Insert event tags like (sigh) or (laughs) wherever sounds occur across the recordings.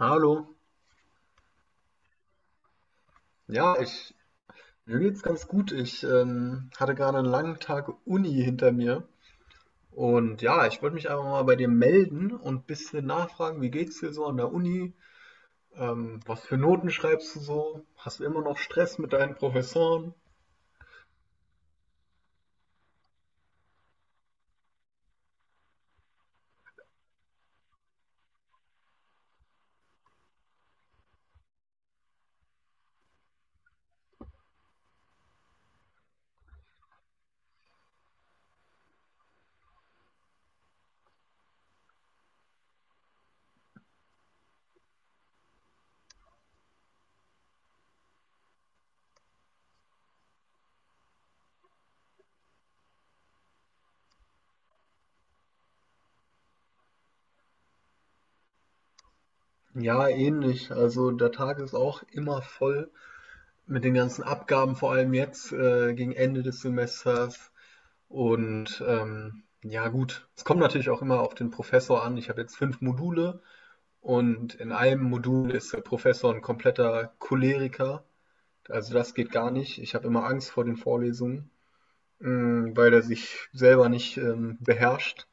Hallo. Ja, ich Mir geht's ganz gut. Ich hatte gerade einen langen Tag Uni hinter mir, und ja, ich wollte mich einfach mal bei dir melden und ein bisschen nachfragen, wie geht's dir so an der Uni? Was für Noten schreibst du so? Hast du immer noch Stress mit deinen Professoren? Ja, ähnlich. Also der Tag ist auch immer voll mit den ganzen Abgaben, vor allem jetzt gegen Ende des Semesters. Und ja, gut, es kommt natürlich auch immer auf den Professor an. Ich habe jetzt fünf Module. Und in einem Modul ist der Professor ein kompletter Choleriker. Also das geht gar nicht. Ich habe immer Angst vor den Vorlesungen, mh, weil er sich selber nicht beherrscht.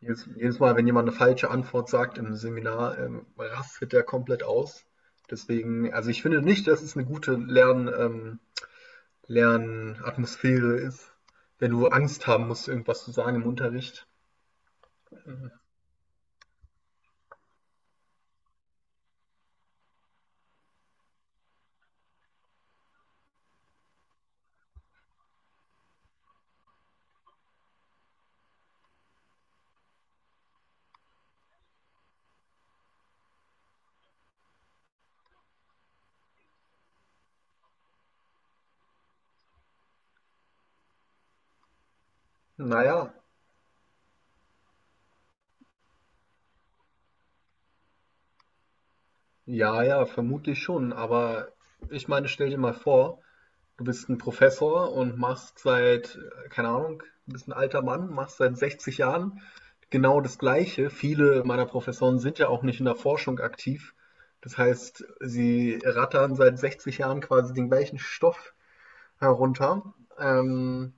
Jedes Mal, wenn jemand eine falsche Antwort sagt im Seminar, rastet er komplett aus. Deswegen, also ich finde nicht, dass es eine gute Lernatmosphäre ist, wenn du Angst haben musst, irgendwas zu sagen im Unterricht. Mhm. Naja, ja, vermutlich schon. Aber ich meine, stell dir mal vor, du bist ein Professor und machst seit, keine Ahnung, du bist 'n alter Mann, machst seit 60 Jahren genau das Gleiche. Viele meiner Professoren sind ja auch nicht in der Forschung aktiv. Das heißt, sie rattern seit 60 Jahren quasi den gleichen Stoff herunter.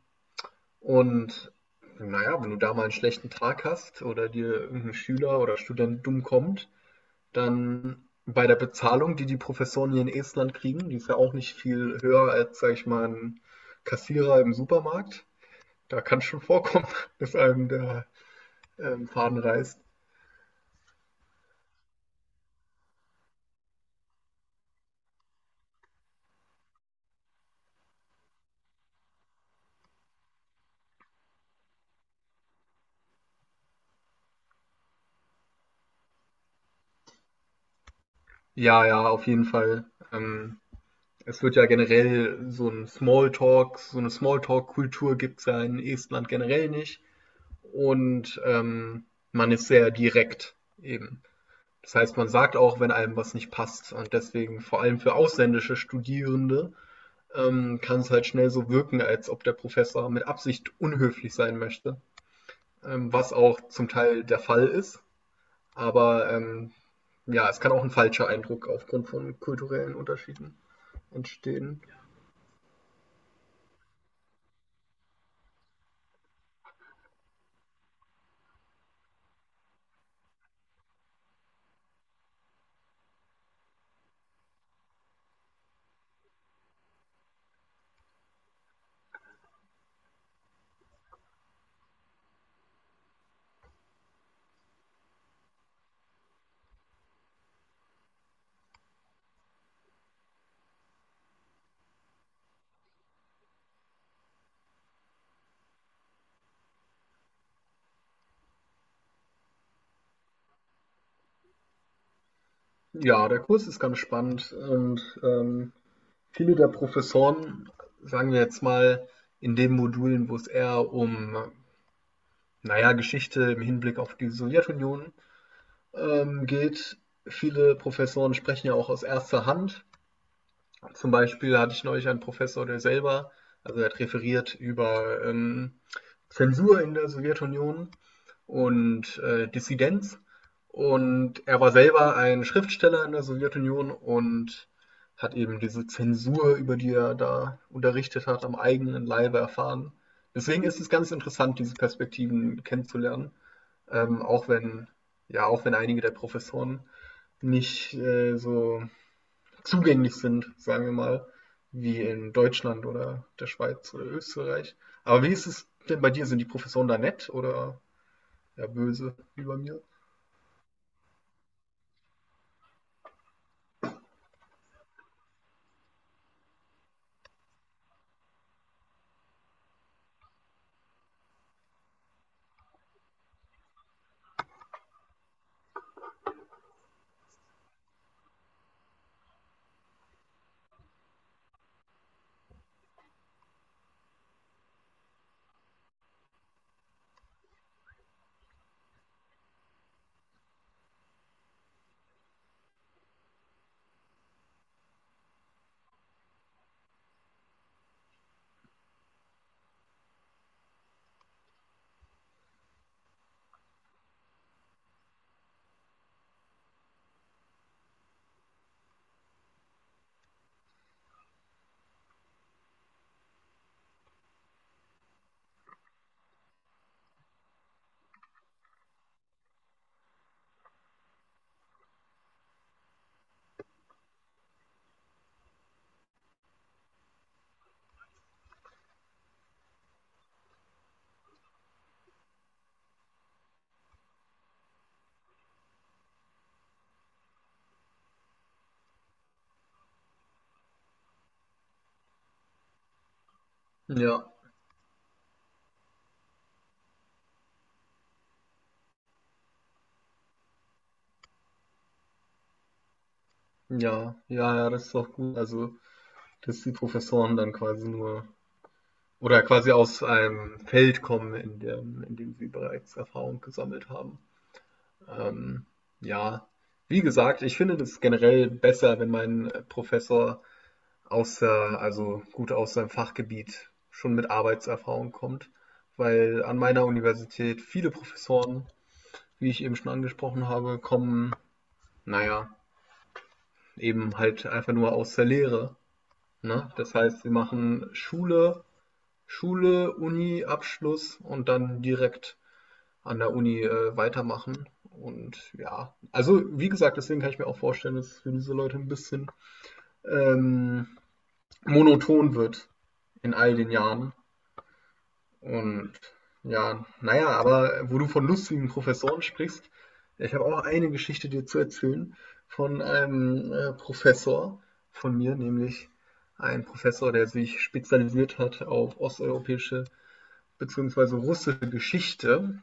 und na ja, wenn du da mal einen schlechten Tag hast oder dir irgendein Schüler oder Student dumm kommt, dann bei der Bezahlung, die die Professoren hier in Estland kriegen, die ist ja auch nicht viel höher als, sage ich mal, ein Kassierer im Supermarkt. Da kann es schon vorkommen, (laughs) dass einem der Faden reißt. Ja, ja, auf jeden Fall. Ähm, Es wird ja generell so ein Smalltalk, so eine Smalltalk-Kultur gibt es ja in Estland generell nicht. Und man ist sehr direkt eben. Das heißt, man sagt auch, wenn einem was nicht passt. Und deswegen, vor allem für ausländische Studierende, kann es halt schnell so wirken, als ob der Professor mit Absicht unhöflich sein möchte, was auch zum Teil der Fall ist. Aber ja, es kann auch ein falscher Eindruck aufgrund von kulturellen Unterschieden entstehen. Ja, der Kurs ist ganz spannend, und viele der Professoren, sagen wir jetzt mal, in den Modulen, wo es eher um, naja, Geschichte im Hinblick auf die Sowjetunion geht, viele Professoren sprechen ja auch aus erster Hand. Zum Beispiel hatte ich neulich einen Professor, der selber, also er hat referiert über Zensur in der Sowjetunion und Dissidenz. Und er war selber ein Schriftsteller in der Sowjetunion und hat eben diese Zensur, über die er da unterrichtet hat, am eigenen Leibe erfahren. Deswegen ist es ganz interessant, diese Perspektiven kennenzulernen, auch wenn, ja, auch wenn einige der Professoren nicht so zugänglich sind, sagen wir mal, wie in Deutschland oder der Schweiz oder Österreich. Aber wie ist es denn bei dir? Sind die Professoren da nett oder ja böse wie bei mir? Ja, ja, das ist doch gut. Also, dass die Professoren dann quasi nur oder quasi aus einem Feld kommen, in dem sie bereits Erfahrung gesammelt haben. Ähm, ja, wie gesagt, ich finde das generell besser, wenn mein Professor aus der also gut aus seinem Fachgebiet schon mit Arbeitserfahrung kommt, weil an meiner Universität viele Professoren, wie ich eben schon angesprochen habe, kommen, naja, eben halt einfach nur aus der Lehre. Ne? Das heißt, sie machen Schule, Uni, Abschluss und dann direkt an der Uni weitermachen. Und ja, also wie gesagt, deswegen kann ich mir auch vorstellen, dass es für diese Leute ein bisschen ähm, monoton wird in all den Jahren. Und ja, naja, aber wo du von lustigen Professoren sprichst, ich habe auch eine Geschichte dir zu erzählen von einem Professor von mir, nämlich ein Professor, der sich spezialisiert hat auf osteuropäische bzw. russische Geschichte.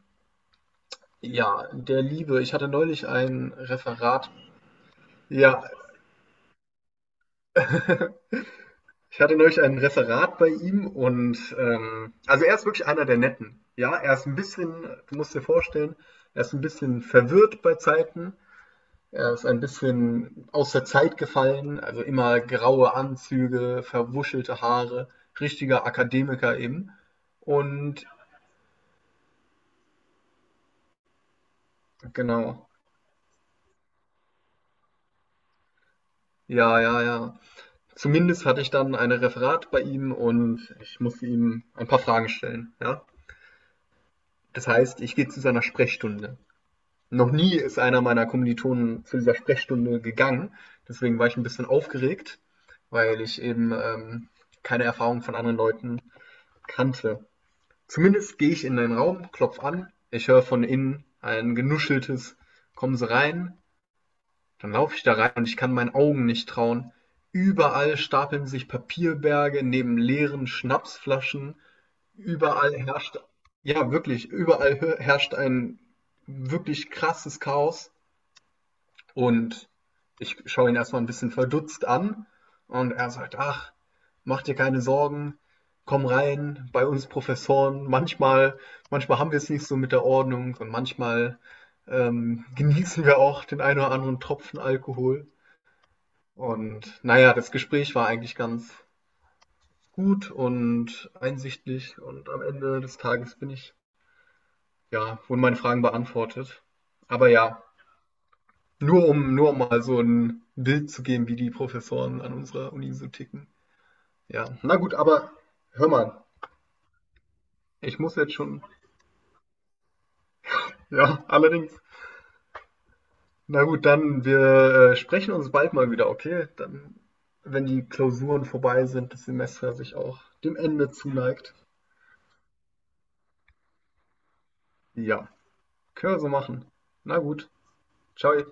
Ja, der Liebe. Ich hatte neulich ein Referat. Ja, (laughs) ich hatte neulich ein Referat bei ihm, und also er ist wirklich einer der Netten. Ja, er ist ein bisschen, du musst dir vorstellen, er ist ein bisschen verwirrt bei Zeiten. Er ist ein bisschen aus der Zeit gefallen, also immer graue Anzüge, verwuschelte Haare, richtiger Akademiker eben. Und genau, ja. Zumindest hatte ich dann ein Referat bei ihm und ich musste ihm ein paar Fragen stellen. Ja? Das heißt, ich gehe zu seiner Sprechstunde. Noch nie ist einer meiner Kommilitonen zu dieser Sprechstunde gegangen. Deswegen war ich ein bisschen aufgeregt, weil ich eben keine Erfahrung von anderen Leuten kannte. Zumindest gehe ich in den Raum, klopfe an, ich höre von innen ein genuscheltes Kommen Sie rein, dann laufe ich da rein und ich kann meinen Augen nicht trauen. Überall stapeln sich Papierberge neben leeren Schnapsflaschen. Überall herrscht, Überall herrscht ein wirklich krasses Chaos. Und ich schaue ihn erstmal ein bisschen verdutzt an, und er sagt, ach, mach dir keine Sorgen, komm rein, bei uns Professoren, manchmal haben wir es nicht so mit der Ordnung, und manchmal genießen wir auch den einen oder anderen Tropfen Alkohol. Und naja, das Gespräch war eigentlich ganz gut und einsichtig, und am Ende des Tages wurden meine Fragen beantwortet. Aber ja, nur um mal so ein Bild zu geben, wie die Professoren an unserer Uni so ticken. Ja, na gut, aber hör mal. Ich muss jetzt schon. Ja, allerdings. Na gut, dann wir sprechen uns bald mal wieder, okay? Dann, wenn die Klausuren vorbei sind, das Semester sich auch dem Ende zuneigt. Ja, können wir so machen. Na gut, ciao.